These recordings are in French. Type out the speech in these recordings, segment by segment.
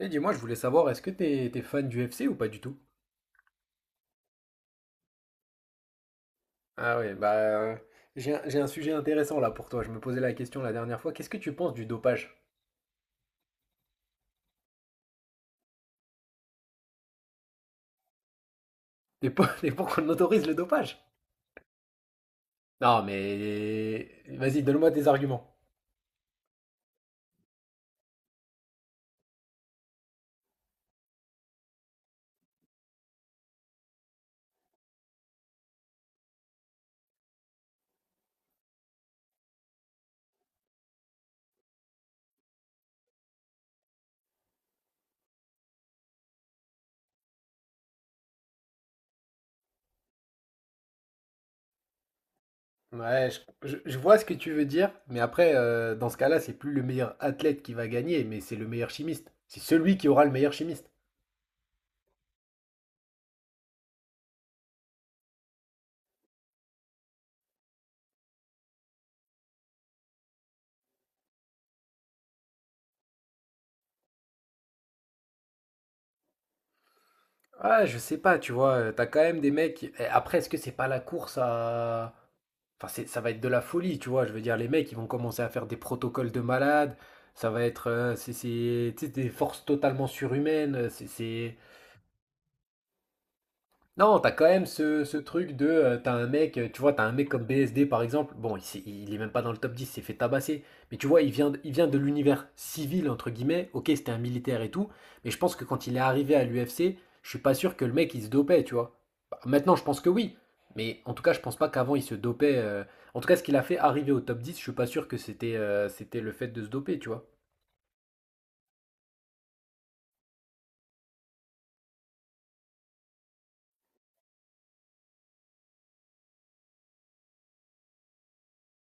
Et dis-moi, je voulais savoir, est-ce que t'es fan du FC ou pas du tout? Ah oui, j'ai j'ai un sujet intéressant là pour toi. Je me posais la question la dernière fois. Qu'est-ce que tu penses du dopage? T'es pour, t'es pour qu'on autorise le dopage? Non, mais vas-y, donne-moi tes arguments. Ouais, je vois ce que tu veux dire, mais après, dans ce cas-là, c'est plus le meilleur athlète qui va gagner, mais c'est le meilleur chimiste. C'est celui qui aura le meilleur chimiste. Ah, je sais pas, tu vois, t'as quand même des mecs. Après, est-ce que c'est pas la course à. Enfin, ça va être de la folie, tu vois. Je veux dire, les mecs, ils vont commencer à faire des protocoles de malades. Ça va être tu sais, des forces totalement surhumaines. Non, t'as quand même ce truc de, tu vois, t'as un mec comme BSD par exemple, bon, il est même pas dans le top 10, il s'est fait tabasser, mais tu vois, il vient de l'univers civil, entre guillemets, ok, c'était un militaire et tout, mais je pense que quand il est arrivé à l'UFC, je suis pas sûr que le mec, il se dopait, tu vois. Bah, maintenant, je pense que oui, mais en tout cas, je pense pas qu'avant, il se dopait. En tout cas, ce qu'il a fait arriver au top 10, je suis pas sûr que c'était c'était le fait de se doper, tu vois.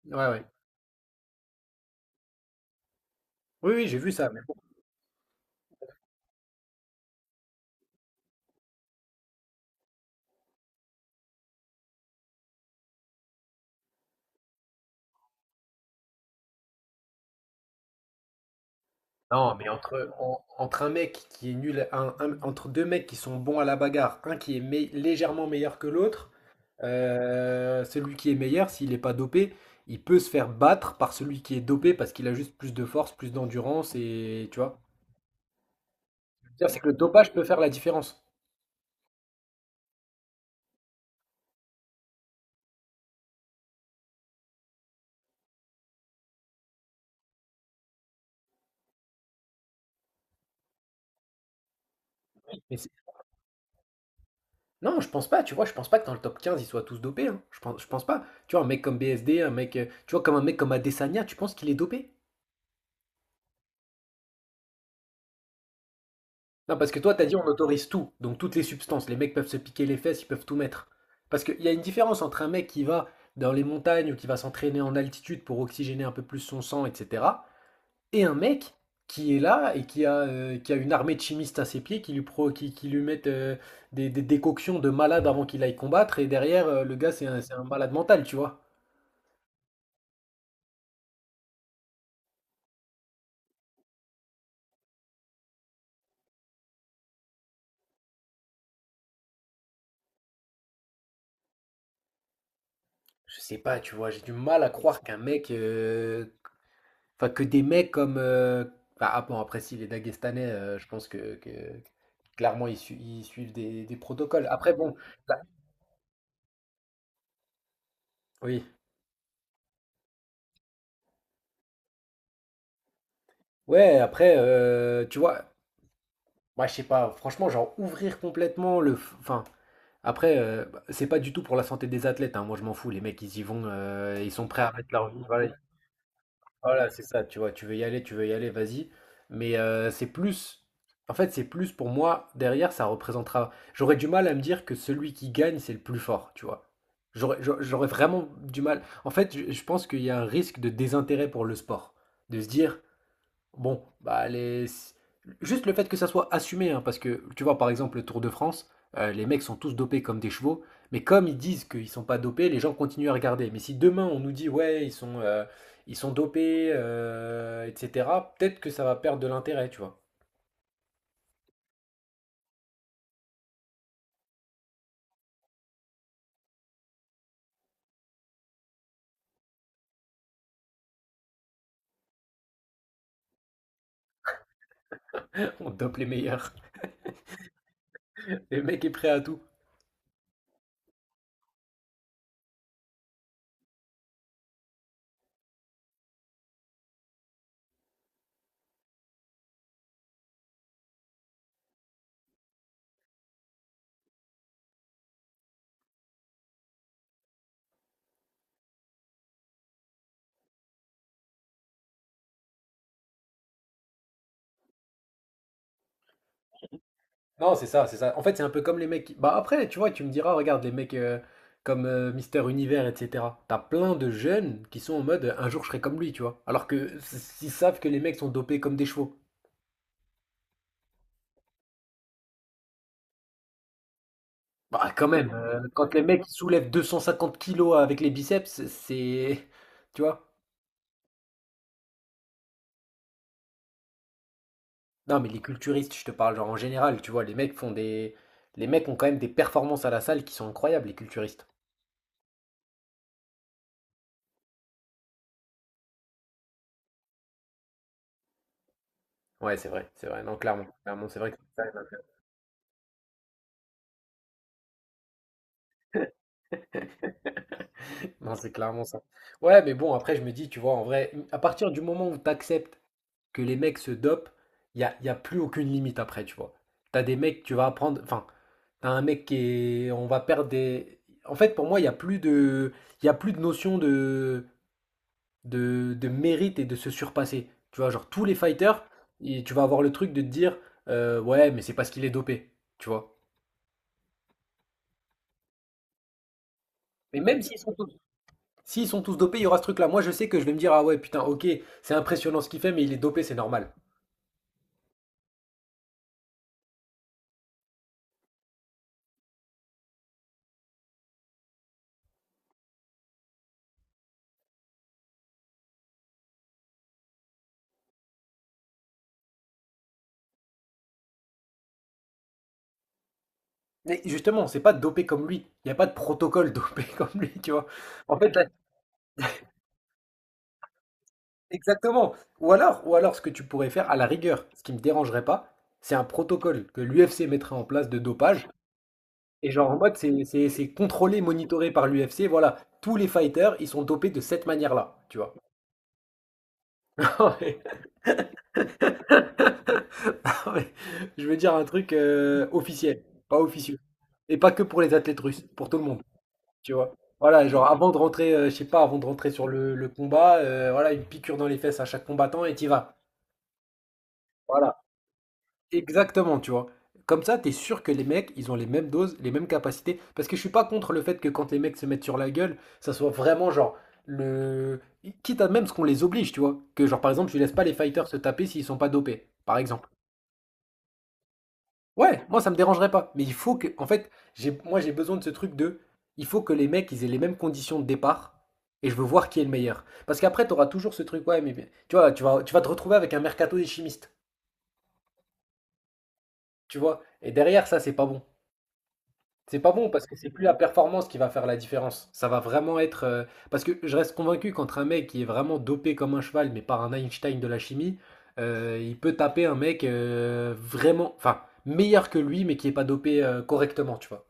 Ouais, ouais. Oui, oui, j'ai vu ça. Non, mais entre un mec qui est nul, entre deux mecs qui sont bons à la bagarre, un qui est légèrement meilleur que l'autre, celui qui est meilleur, s'il n'est pas dopé, il peut se faire battre par celui qui est dopé parce qu'il a juste plus de force, plus d'endurance et tu vois. C'est-à-dire, c'est que le dopage peut faire la différence. Mais non, je pense pas, tu vois, je pense pas que dans le top 15 ils soient tous dopés, hein. Je pense pas. Tu vois, un mec comme BSD, un mec, tu vois, comme un mec comme Adesanya, tu penses qu'il est dopé? Non, parce que toi, t'as dit on autorise tout, donc toutes les substances, les mecs peuvent se piquer les fesses, ils peuvent tout mettre. Parce qu'il y a une différence entre un mec qui va dans les montagnes ou qui va s'entraîner en altitude pour oxygéner un peu plus son sang, etc., et un mec qui est là et qui a une armée de chimistes à ses pieds qui lui mettent des décoctions de malade avant qu'il aille combattre, et derrière, le gars, c'est un malade mental, tu vois. Je sais pas, tu vois, j'ai du mal à croire qu'un mec, enfin que des mecs comme, ah bon après si les Daguestanais, je pense clairement ils suivent des protocoles. Après bon, là- oui, ouais, après tu vois, moi je sais pas, franchement genre ouvrir complètement enfin après c'est pas du tout pour la santé des athlètes, hein, moi je m'en fous, les mecs ils y vont, ils sont prêts à mettre leur vie, voilà. Voilà, c'est ça, tu vois, tu veux y aller, tu veux y aller, vas-y. Mais en fait, c'est plus pour moi, derrière, ça représentera. J'aurais du mal à me dire que celui qui gagne, c'est le plus fort, tu vois. J'aurais vraiment du mal. En fait, je pense qu'il y a un risque de désintérêt pour le sport. De se dire, bon, bah les... juste le fait que ça soit assumé, hein, parce que tu vois, par exemple, le Tour de France, les mecs sont tous dopés comme des chevaux, mais comme ils disent qu'ils sont pas dopés, les gens continuent à regarder. Mais si demain on nous dit, ouais, ils sont dopés, etc., peut-être que ça va perdre de l'intérêt, tu vois. On dope les meilleurs. Les mecs est prêt à tout. Non, c'est ça, c'est ça. En fait, c'est un peu comme les mecs. Bah après, tu vois, tu me diras, regarde, les mecs comme Mister Univers, etc. T'as plein de jeunes qui sont en mode, un jour je serai comme lui, tu vois. Alors que s'ils savent que les mecs sont dopés comme des chevaux. Bah quand même, quand les mecs soulèvent 250 kilos avec les biceps, c'est, tu vois. Non, mais les culturistes, je te parle genre en général, tu vois, les mecs ont quand même des performances à la salle qui sont incroyables, les culturistes. Ouais, c'est vrai, c'est vrai. Non, clairement, clairement, c'est vrai que non, c'est clairement ça. Ouais, mais bon, après, je me dis, tu vois, en vrai, à partir du moment où tu acceptes que les mecs se dopent, y a plus aucune limite après, tu vois. T'as des mecs, tu vas apprendre. Enfin, t'as un mec qui est. On va perdre des. En fait, pour moi, il n'y a plus de. Il y a plus de notion de mérite et de se surpasser. Tu vois, genre, tous les fighters, et tu vas avoir le truc de te dire, ouais, mais c'est parce qu'il est dopé, tu vois. Mais même s'ils sont S'ils sont tous dopés, il y aura ce truc-là. Moi, je sais que je vais me dire, ah ouais, putain, ok, c'est impressionnant ce qu'il fait, mais il est dopé, c'est normal. Mais justement, c'est pas dopé comme lui. Il n'y a pas de protocole dopé comme lui, tu vois. En fait, là- exactement. Ou alors, ce que tu pourrais faire, à la rigueur, ce qui me dérangerait pas, c'est un protocole que l'UFC mettrait en place de dopage. Et genre, en mode, c'est contrôlé, monitoré par l'UFC. Voilà, tous les fighters, ils sont dopés de cette manière-là, tu vois. Non, mais je veux dire un truc officiel, pas officieux. Et pas que pour les athlètes russes, pour tout le monde, tu vois. Voilà, genre avant de rentrer, je sais pas, avant de rentrer sur le combat, voilà, une piqûre dans les fesses à chaque combattant et t'y vas. Voilà, exactement, tu vois. Comme ça, t'es sûr que les mecs, ils ont les mêmes doses, les mêmes capacités. Parce que je suis pas contre le fait que quand les mecs se mettent sur la gueule, ça soit vraiment genre le. Quitte à même ce qu'on les oblige, tu vois. Que genre par exemple, tu laisses pas les fighters se taper s'ils sont pas dopés, par exemple. Ouais, moi ça me dérangerait pas. Mais il faut que, en fait, moi j'ai besoin de ce truc de, il faut que les mecs ils aient les mêmes conditions de départ et je veux voir qui est le meilleur. Parce qu'après t'auras toujours ce truc, ouais, tu vois, tu vas te retrouver avec un mercato des chimistes, tu vois. Et derrière ça c'est pas bon. C'est pas bon parce que c'est plus la performance qui va faire la différence. Ça va vraiment être, parce que je reste convaincu qu'entre un mec qui est vraiment dopé comme un cheval, mais par un Einstein de la chimie, il peut taper un mec vraiment, enfin meilleur que lui, mais qui est pas dopé correctement, tu vois.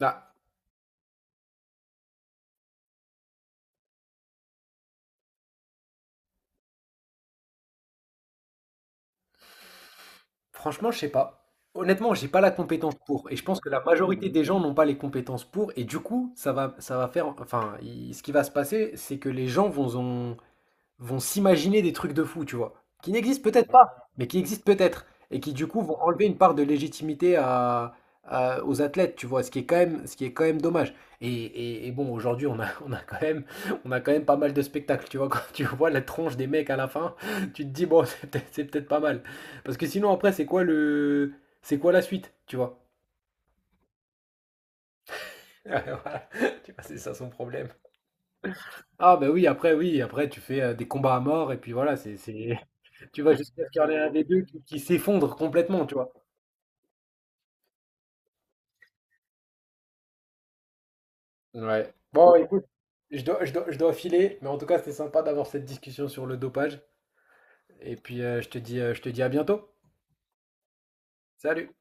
Bah, franchement, je sais pas. Honnêtement, j'ai pas la compétence pour. Et je pense que la majorité des gens n'ont pas les compétences pour. Et du coup, ça va faire. Enfin, ce qui va se passer, c'est que vont s'imaginer des trucs de fou, tu vois, qui n'existent peut-être pas, mais qui existent peut-être, et qui du coup vont enlever une part de légitimité à, aux athlètes, tu vois, ce qui est quand même, ce qui est quand même dommage. Et bon, aujourd'hui, on a quand même, on a quand même pas mal de spectacles, tu vois, quand tu vois la tronche des mecs à la fin, tu te dis, bon, c'est peut-être pas mal. Parce que sinon, après, c'est quoi le, c'est quoi la suite, tu vois? Voilà. Tu vois, c'est ça son problème. Ah bah oui, après tu fais des combats à mort et puis voilà, tu vas jusqu'à ce qu'il y en ait un des deux qui s'effondre complètement, tu vois. Ouais. Bon, écoute, je dois filer, mais en tout cas, c'était sympa d'avoir cette discussion sur le dopage. Et puis, je te dis à bientôt. Salut!